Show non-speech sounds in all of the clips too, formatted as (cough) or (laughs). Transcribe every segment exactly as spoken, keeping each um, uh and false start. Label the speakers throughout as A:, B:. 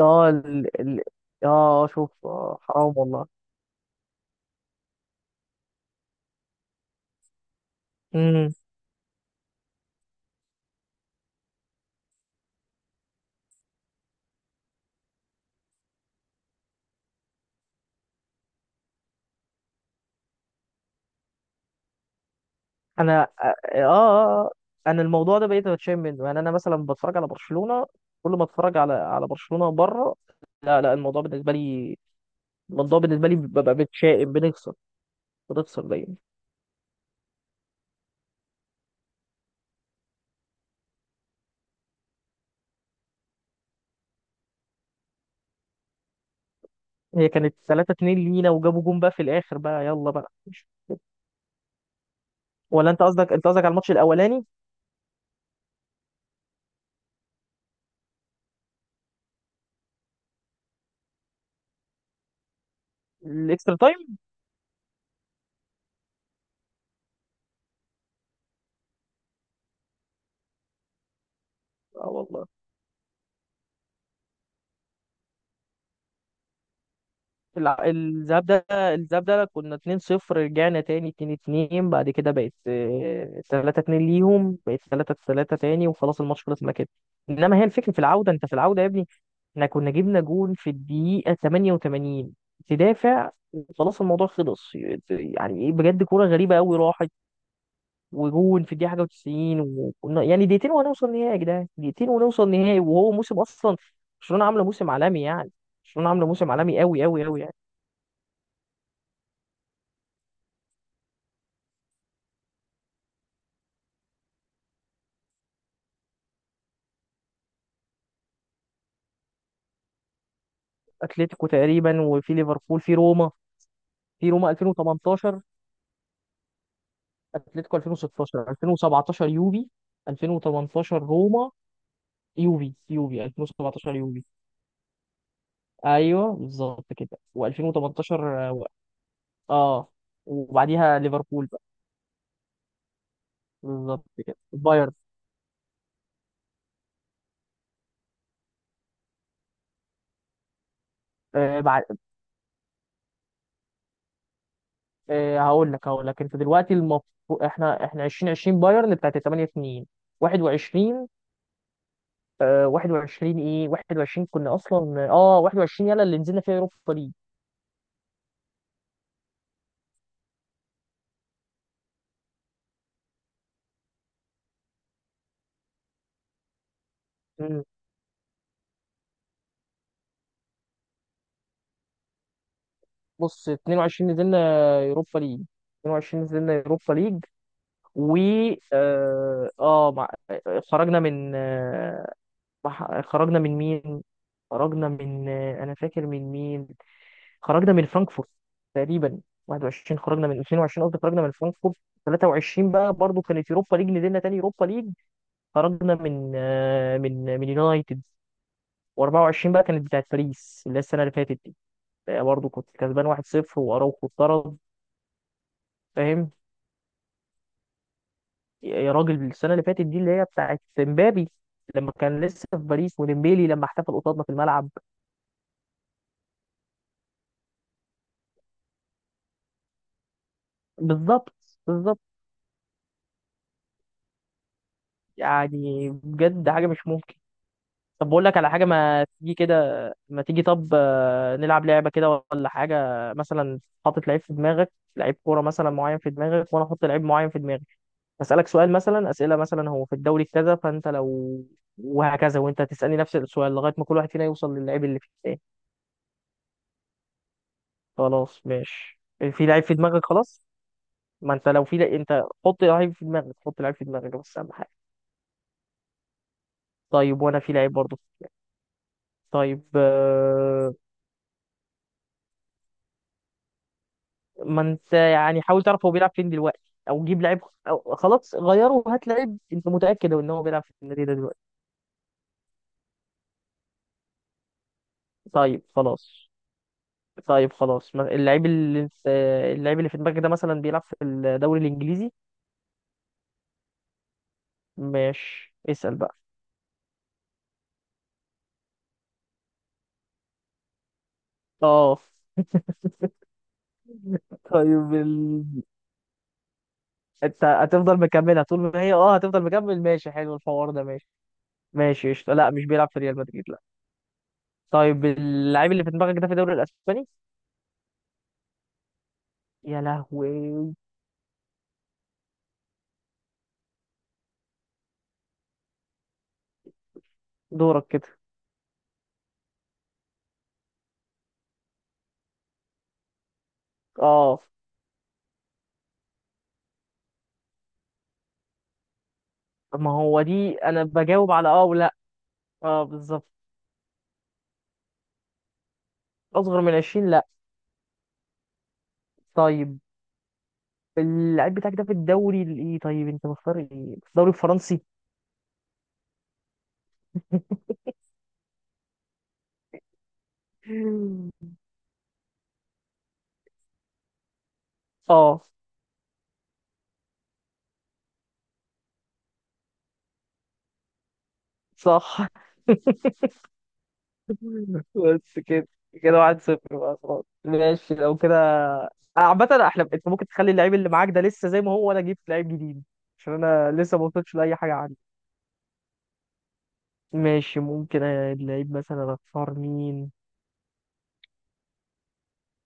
A: اه ال... ال... اه شوف، آه حرام والله. امم انا اه, آه آه. انا الموضوع ده بقيت بتشيم منه، يعني انا مثلا بتفرج على برشلونة كل ما اتفرج على على برشلونة بره. لا لا، الموضوع بالنسبة لي الموضوع بالنسبة لي ببقى بتشائم، بنخسر بنخسر دايما. هي كانت تلاتة اتنين لينا، وجابوا جون بقى في الاخر بقى، يلا بقى. ولا انت قصدك، انت قصدك على الماتش الاولاني؟ الاكسترا تايم. اه والله. الع- الذهاب ده، الذهاب ده كنا اتنين صفر، رجعنا تاني اتنين اتنين، بعد كده بقت، آه، ثلاثة اثنين ليهم، بقت ثلاثة ثلاثة تاني، وخلاص الماتش خلص ما كده. انما هي الفكرة في العودة، انت في العودة يا ابني. احنا كنا جبنا جون في الدقيقة تمانية وتمانين، تدافع وخلاص الموضوع خلص، يعني ايه بجد، كورة غريبة قوي راحت. وجون في الدقيقة حاجة و90. وكنا يعني دقيقتين وهنوصل نهائي يا جدعان، دقيقتين ونوصل نهائي، وهو موسم اصلا برشلونة عاملة موسم عالمي يعني. برشلونة عاملة موسم عالمي قوي قوي قوي. اتلتيكو تقريبا، وفي ليفربول، في روما. في روما ألفين وثمانية عشر، اتلتيكو ألفين وستاشر، ألفين وسبعتاشر يوفي، ألفين وتمنتاشر روما. يوفي، يوفي ألفين وسبعتاشر يوفي. ايوه بالظبط كده، و2018. اه، وبعديها ليفربول بقى. بالظبط كده، بايرن. آه بعد آه هقول لك، هقول لك انت دلوقتي المفروض احنا، احنا ألفين وعشرين بايرن بتاعت تمانية اتنين. واحد وعشرين، آه واحد وعشرين، ايه واحد وعشرين كنا اصلا، اه واحد وعشرين يلا اللي نزلنا فيها اوروبا ليج. بص اتنين وعشرين نزلنا يوروبا ليج. اتنين وعشرين نزلنا يوروبا ليج، و، اه آه، مع... خرجنا من، آه، مح- خرجنا من مين، خرجنا من، آه، انا فاكر من مين خرجنا من فرانكفورت تقريبا. واحد وعشرين خرجنا من اتنين وعشرين قصدي خرجنا من فرانكفورت. ثلاثة وعشرين بقى برضو كانت يوروبا ليج، نزلنا تاني يوروبا ليج، خرجنا من، آه، من من يونايتد. و24 بقى كانت بتاعت باريس، اللي هي السنه اللي فاتت دي. برضه كنت كسبان واحد صفر واراوخو اتطرد، فاهم؟ يا راجل، السنه اللي فاتت دي اللي هي بتاعت مبابي لما كان لسه في باريس، وديمبيلي لما احتفل قصادنا في الملعب. بالظبط، بالظبط. يعني بجد حاجه مش ممكن. طب بقول لك على حاجه، ما تيجي كده، ما تيجي طب، آه، نلعب لعبه كده ولا حاجه. مثلا حاطط لعيب في دماغك، لعيب كوره مثلا معين في دماغك، وانا احط لعيب معين في دماغي. اسالك سؤال مثلا، اسئله مثلا، هو في الدوري كذا، فانت لو، وهكذا. وانت هتسالني نفس السؤال لغايه ما كل واحد فينا يوصل للعيب اللي في التاني. خلاص ماشي، في لعيب في دماغك خلاص. ما انت لو في لع- انت حط لعيب في دماغك، حط لعيب في دماغك بس اهم حاجه. طيب وانا في لعيب برضه في دماغي. طيب، آه، ما انت يعني حاول تعرف هو بيلعب فين دلوقتي، او جيب لعيب، أو خلاص غيره وهات لعيب انت متاكد ان هو بيلعب في النادي ده دلوقتي. طيب خلاص. طيب خلاص ما- اللعيب اللي انت- اللعيب اللي في دماغك ده مثلا بيلعب في الدوري الانجليزي؟ ماشي اسال بقى. اه (laughs) طيب ال... انت هتفضل مكملها طول ما هي، اه هتفضل مكمل. ماشي حلو الحوار ده، ماشي. ماشي قشطة، لا مش بيلعب في ريال مدريد، لا. طيب اللعيب اللي في دماغك ده في الدوري الاسباني؟ يا لهوي. دورك كده. اه. ما هو دي انا بجاوب على اه ولا؟ اه بالظبط. اصغر من عشرين، لا. طيب اللعيب بتاعك ده في الدوري الايه طيب انت مختار ايه؟ في الدوري الفرنسي؟ (laughs) اه صح. (laughs) بس كده، كده واحد صفر بقى خلاص ماشي لو كده. عامة احنا، انت ممكن تخلي اللعيب اللي معاك ده لسه زي ما هو، وانا اجيب لعيب جديد، عشان انا لسه ما وصلتش لاي حاجة عندي. ماشي، ممكن اللعيب مثلا اختار مين.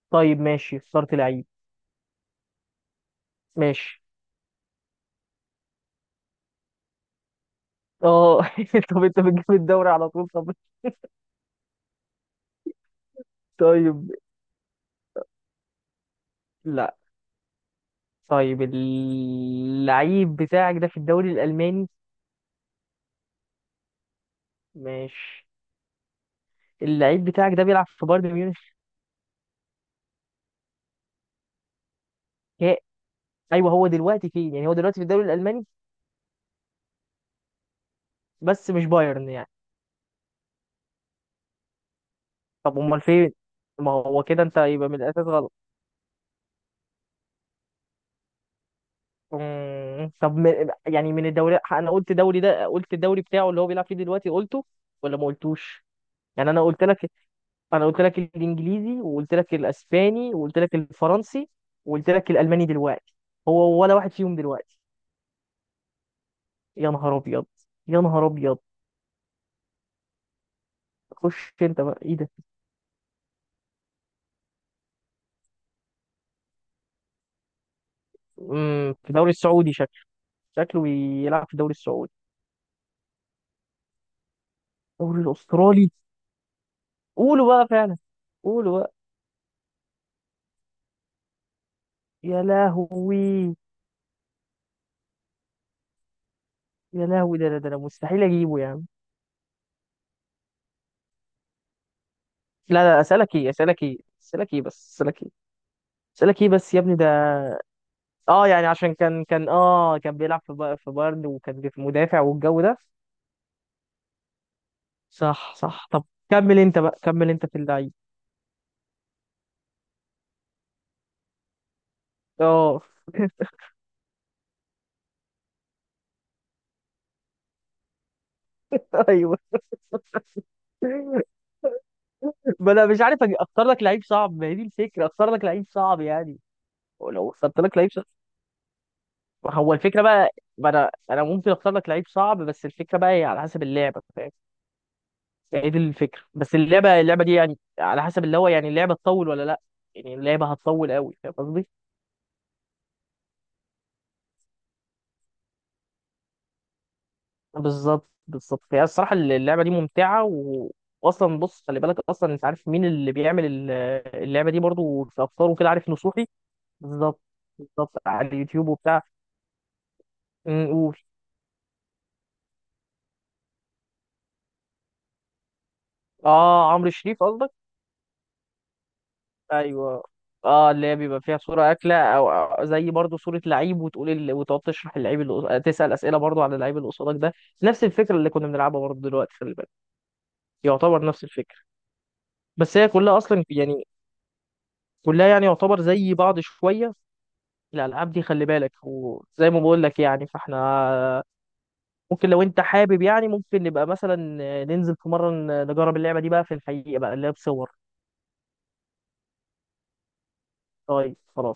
A: طيب ماشي اخترت لعيب. ماشي. اه (laughs) طب انت بتجيب الدوري على طول، طب. طيب، لا، طيب اللعيب بتاعك ده في الدوري الالماني؟ ماشي. اللعيب بتاعك ده بيلعب في بايرن ميونخ؟ يا- ايوه، هو دلوقتي فين يعني؟ هو دلوقتي في الدوري الالماني بس مش بايرن يعني؟ طب امال فين؟ ما هو كده انت يبقى من الاساس غلط. مم. طب من يعني، من الدوري، انا قلت دوري ده، قلت الدوري بتاعه اللي هو بيلعب فيه دلوقتي قلته ولا ما قلتوش؟ يعني انا قلت لك، انا قلت لك الانجليزي، وقلت لك الاسباني، وقلت لك الفرنسي، وقلت لك الالماني دلوقتي. هو ولا واحد فيهم دلوقتي؟ يا نهار ابيض، يا نهار ابيض. خش انت بقى، ايه ده؟ امم في الدوري السعودي شكله، شكله بيلعب في الدوري السعودي. الدوري الاسترالي؟ قولوا بقى فعلا، قولوا بقى. يا لهوي، يا لهوي، ده ده ده مستحيل اجيبه يعني. لا لا، اسالك ايه؟ اسالك ايه اسالك ايه بس اسالك ايه، اسالك ايه بس يا ابني ده، اه، يعني عشان كان، كان اه كان بيلعب في با- في بايرن، وكان بيبقى مدافع والجو ده. صح صح طب. كمل انت بقى، كمل انت في اللعيب. اه (laughs) ايوه ما انا مش عارف أج- اختار لك لعيب صعب، ما هي دي الفكره، اختار لك لعيب صعب يعني. ولو اخترت لك لعيب صعب، هو الفكره بقى. ما انا، انا ممكن اختار لك لعيب صعب، بس الفكره بقى هي على حسب اللعبه، فاهم؟ هي دي الفكرة، بس اللعبة، اللعبة دي يعني على حسب اللي هو، يعني اللعبة تطول ولا لا؟ يعني اللعبة هتطول قوي، فاهم قصدي؟ بالظبط، بالظبط. هي الصراحة اللعبة دي ممتعة و... واصلا بص خلي بالك، اصلا انت عارف مين اللي بيعمل ال- اللعبة دي برضو، في افكار وكده، عارف نصوحي؟ بالظبط، بالظبط. على اليوتيوب وبتاع. م، قول. اه، عمرو شريف قصدك. ايوه. اه، اللي هي بيبقى فيها صوره اكله، او أو زي برضو صوره لعيب، وتقول ال...، وتقعد تشرح اللعيب اللي قص- تسال اسئله برضو على اللعيب اللي قصادك ده. نفس الفكره اللي كنا بنلعبها برضو دلوقتي، خلي بالك. يعتبر نفس الفكره. بس هي كلها اصلا يعني، كلها يعني يعتبر زي بعض شويه، الالعاب دي خلي بالك. وزي ما بقول لك يعني، فاحنا ممكن لو انت حابب، يعني ممكن نبقى مثلا ننزل في مره نجرب اللعبه دي بقى في الحقيقه بقى، اللي هي بصور. طيب خلاص.